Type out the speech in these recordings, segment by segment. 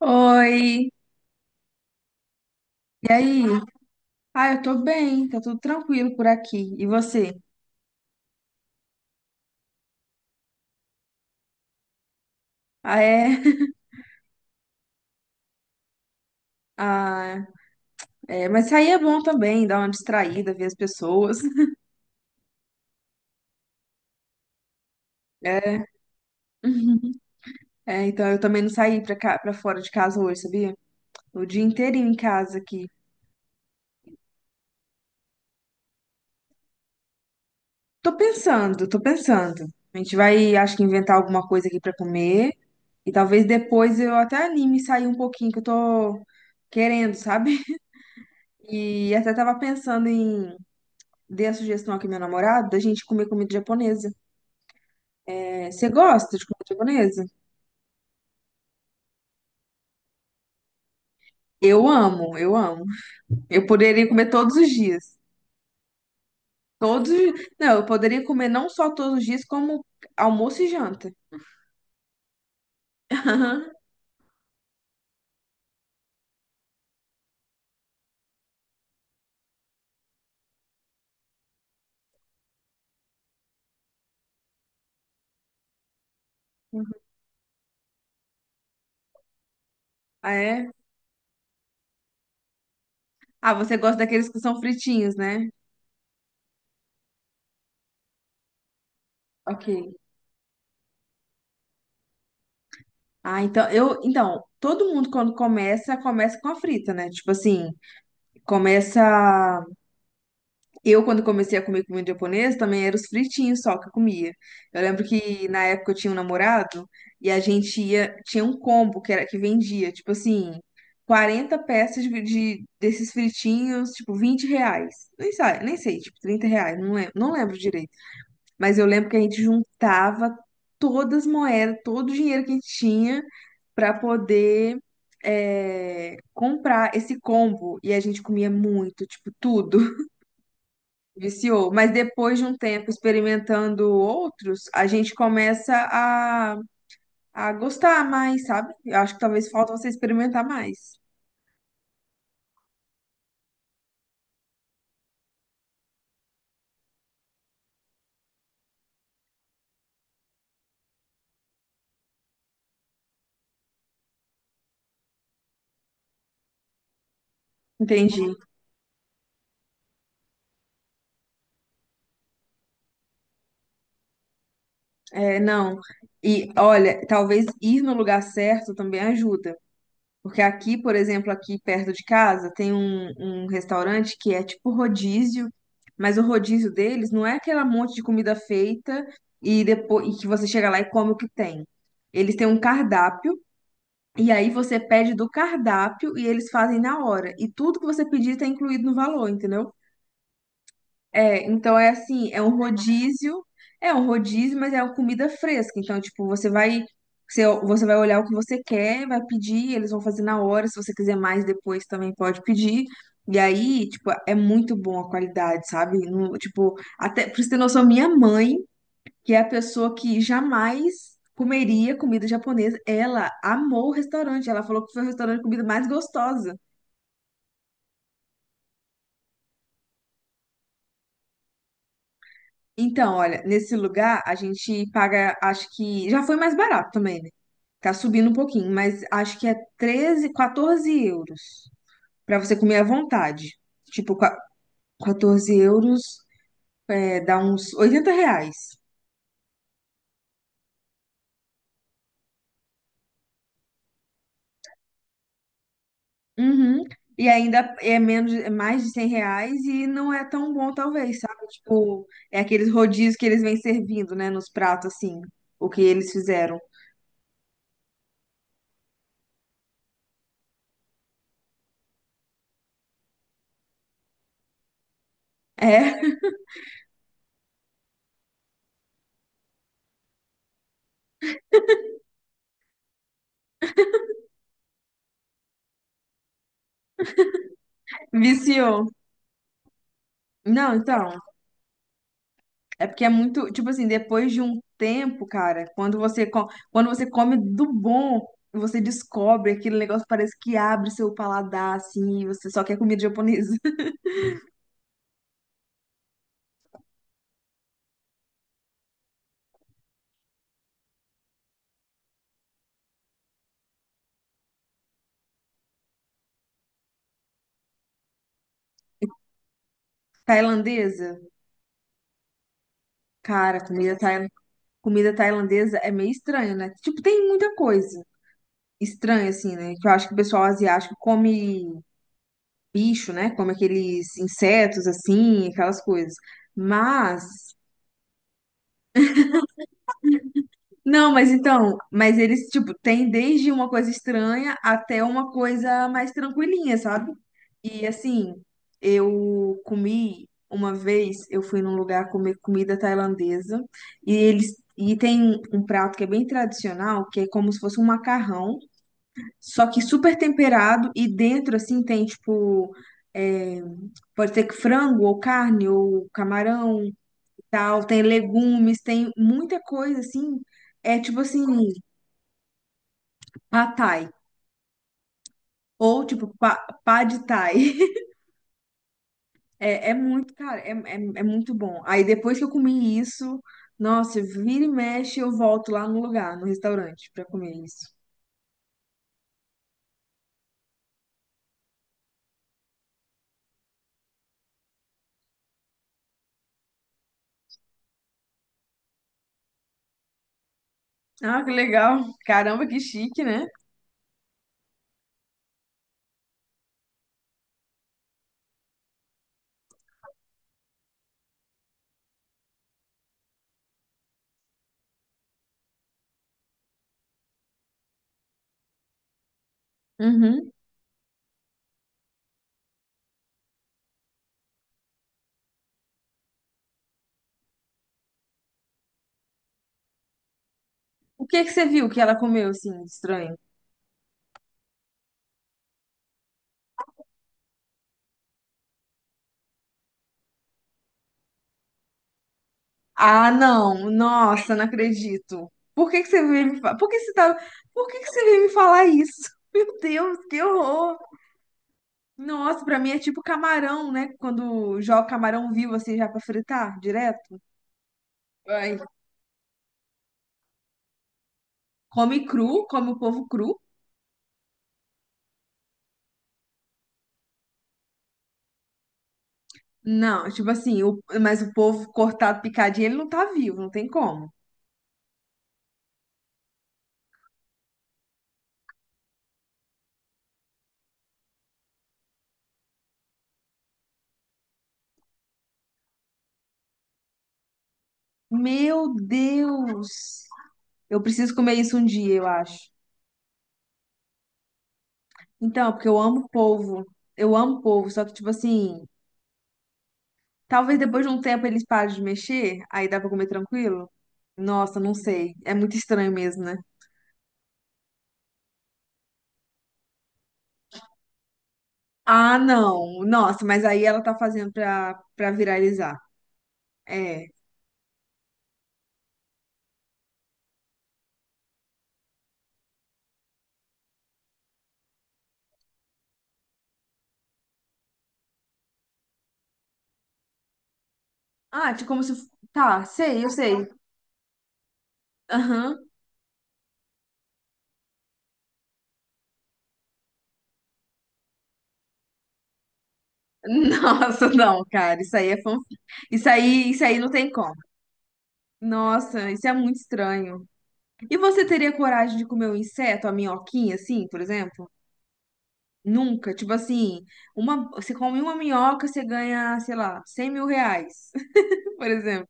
Oi, e aí? Ah, eu tô bem, tá tudo tranquilo por aqui. E você? Ah, é? Ah, é, mas sair é bom também, dar uma distraída, ver as pessoas. É, É, então eu também não saí pra fora de casa hoje, sabia? O dia inteirinho em casa aqui. Tô pensando, tô pensando. A gente vai, acho que inventar alguma coisa aqui pra comer. E talvez depois eu até anime e sair um pouquinho, que eu tô querendo, sabe? E até tava pensando em dei a sugestão aqui ao meu namorado da gente comer comida japonesa. É, você gosta de comida japonesa? Eu amo, eu amo. Eu poderia comer todos os dias. Não, eu poderia comer não só todos os dias, como almoço e janta. Ah, é? Ah, você gosta daqueles que são fritinhos, né? Ok. Ah, então, todo mundo quando começa, começa com a frita, né? Tipo assim, começa eu, quando comecei a comer comida japonesa, também eram os fritinhos só que eu comia. Eu lembro que na época eu tinha um namorado e a gente ia, tinha um combo que era que vendia, tipo assim, 40 peças desses fritinhos, tipo R$ 20. Nem sei, nem sei, tipo R$ 30, não lembro, não lembro direito. Mas eu lembro que a gente juntava todas as moedas, todo o dinheiro que a gente tinha para poder comprar esse combo. E a gente comia muito, tipo, tudo. Viciou. Mas depois de um tempo experimentando outros, a gente começa a gostar mais, sabe? Eu acho que talvez falta você experimentar mais. Entendi. É, não. E olha, talvez ir no lugar certo também ajuda. Porque aqui, por exemplo, aqui perto de casa, tem um restaurante que é tipo rodízio, mas o rodízio deles não é aquela monte de comida feita e depois e que você chega lá e come o que tem. Eles têm um cardápio. E aí você pede do cardápio e eles fazem na hora. E tudo que você pedir está incluído no valor, entendeu? É, então é assim, é um rodízio, mas é uma comida fresca. Então, tipo, você vai olhar o que você quer, vai pedir, eles vão fazer na hora. Se você quiser mais depois, também pode pedir. E aí, tipo, é muito bom a qualidade, sabe? Tipo, até, pra você ter noção, minha mãe que é a pessoa que jamais comeria comida japonesa. Ela amou o restaurante, ela falou que foi o restaurante de comida mais gostosa. Então, olha, nesse lugar a gente paga, acho que já foi mais barato também, né? Tá subindo um pouquinho, mas acho que é 13, 14 € pra você comer à vontade. Tipo, 14 € dá uns R$ 80. Uhum. E ainda é menos, é mais de 100 reais e não é tão bom, talvez, sabe? Tipo, é aqueles rodízios que eles vêm servindo, né, nos pratos, assim, o que eles fizeram. É, viciou. Não, então, é porque é muito, tipo assim, depois de um tempo, cara, quando você come do bom, você descobre aquele negócio, parece que abre seu paladar, assim, e você só quer comida japonesa. Tailandesa? Cara, comida tailandesa é meio estranho, né? Tipo, tem muita coisa estranha, assim, né? Que eu acho que o pessoal asiático come bicho, né? Come aqueles insetos, assim, aquelas coisas. Mas, não, mas então, mas eles, tipo, tem desde uma coisa estranha até uma coisa mais tranquilinha, sabe? E, assim, eu comi uma vez, eu fui num lugar comer comida tailandesa e eles. E tem um prato que é bem tradicional, que é como se fosse um macarrão, só que super temperado e dentro, assim, tem, tipo, é, pode ser que frango ou carne ou camarão e tal. Tem legumes, tem muita coisa, assim. É, tipo, assim, pad thai. Ou, tipo, pad thai. É, é muito, cara, é muito bom. Aí, depois que eu comi isso, nossa, vira e mexe, eu volto lá no lugar, no restaurante, pra comer isso. Ah, que legal. Caramba, que chique, né? Uhum. O que que você viu que ela comeu, assim, de estranho? Ah, não. Nossa, não acredito. Por que que você veio me falar? Por que que você tá... Por que que você veio me falar isso? Meu Deus, que horror. Nossa, pra mim é tipo camarão, né? Quando joga camarão vivo assim já pra fritar direto. Ai. Come cru, come o povo cru. Não, tipo assim, mas o povo cortado, picadinho, ele não tá vivo, não tem como. Meu Deus. Eu preciso comer isso um dia, eu acho. Então, porque eu amo polvo. Eu amo polvo, só que tipo assim, talvez depois de um tempo eles parem de mexer, aí dá pra comer tranquilo? Nossa, não sei. É muito estranho mesmo, né? Ah, não. Nossa, mas aí ela tá fazendo pra viralizar. É. Ah, tipo, como se. Tá, sei, eu sei. Aham. Nossa, não, cara. Isso aí é fanfic. Isso aí não tem como. Nossa, isso é muito estranho. E você teria coragem de comer um inseto, a minhoquinha, assim, por exemplo? Nunca. Tipo assim, você come uma minhoca, você ganha, sei lá, 100.000 reais, por exemplo.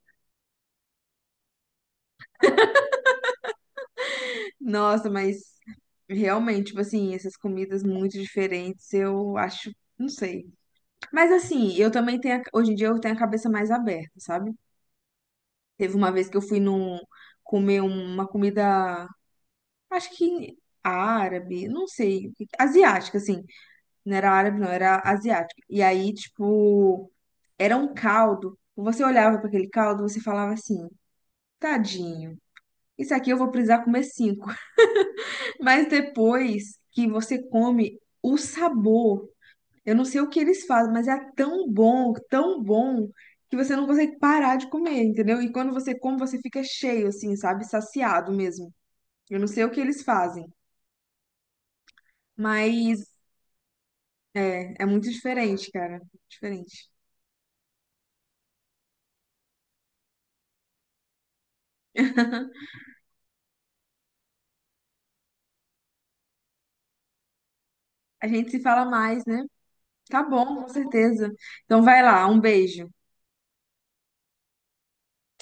Nossa, mas realmente, tipo assim, essas comidas muito diferentes, eu acho, não sei. Mas assim, eu também tenho, a- hoje em dia eu tenho a cabeça mais aberta, sabe? Teve uma vez que eu fui num comer uma comida, acho que árabe, não sei, asiática, assim. Não era árabe, não, era asiática. E aí, tipo, era um caldo. Você olhava para aquele caldo, você falava assim, tadinho, isso aqui eu vou precisar comer cinco. Mas depois que você come o sabor, eu não sei o que eles fazem, mas é tão bom, que você não consegue parar de comer, entendeu? E quando você come, você fica cheio, assim, sabe? Saciado mesmo. Eu não sei o que eles fazem, mas é muito diferente, cara. Diferente. A gente se fala mais, né? Tá bom, com certeza. Então vai lá, um beijo.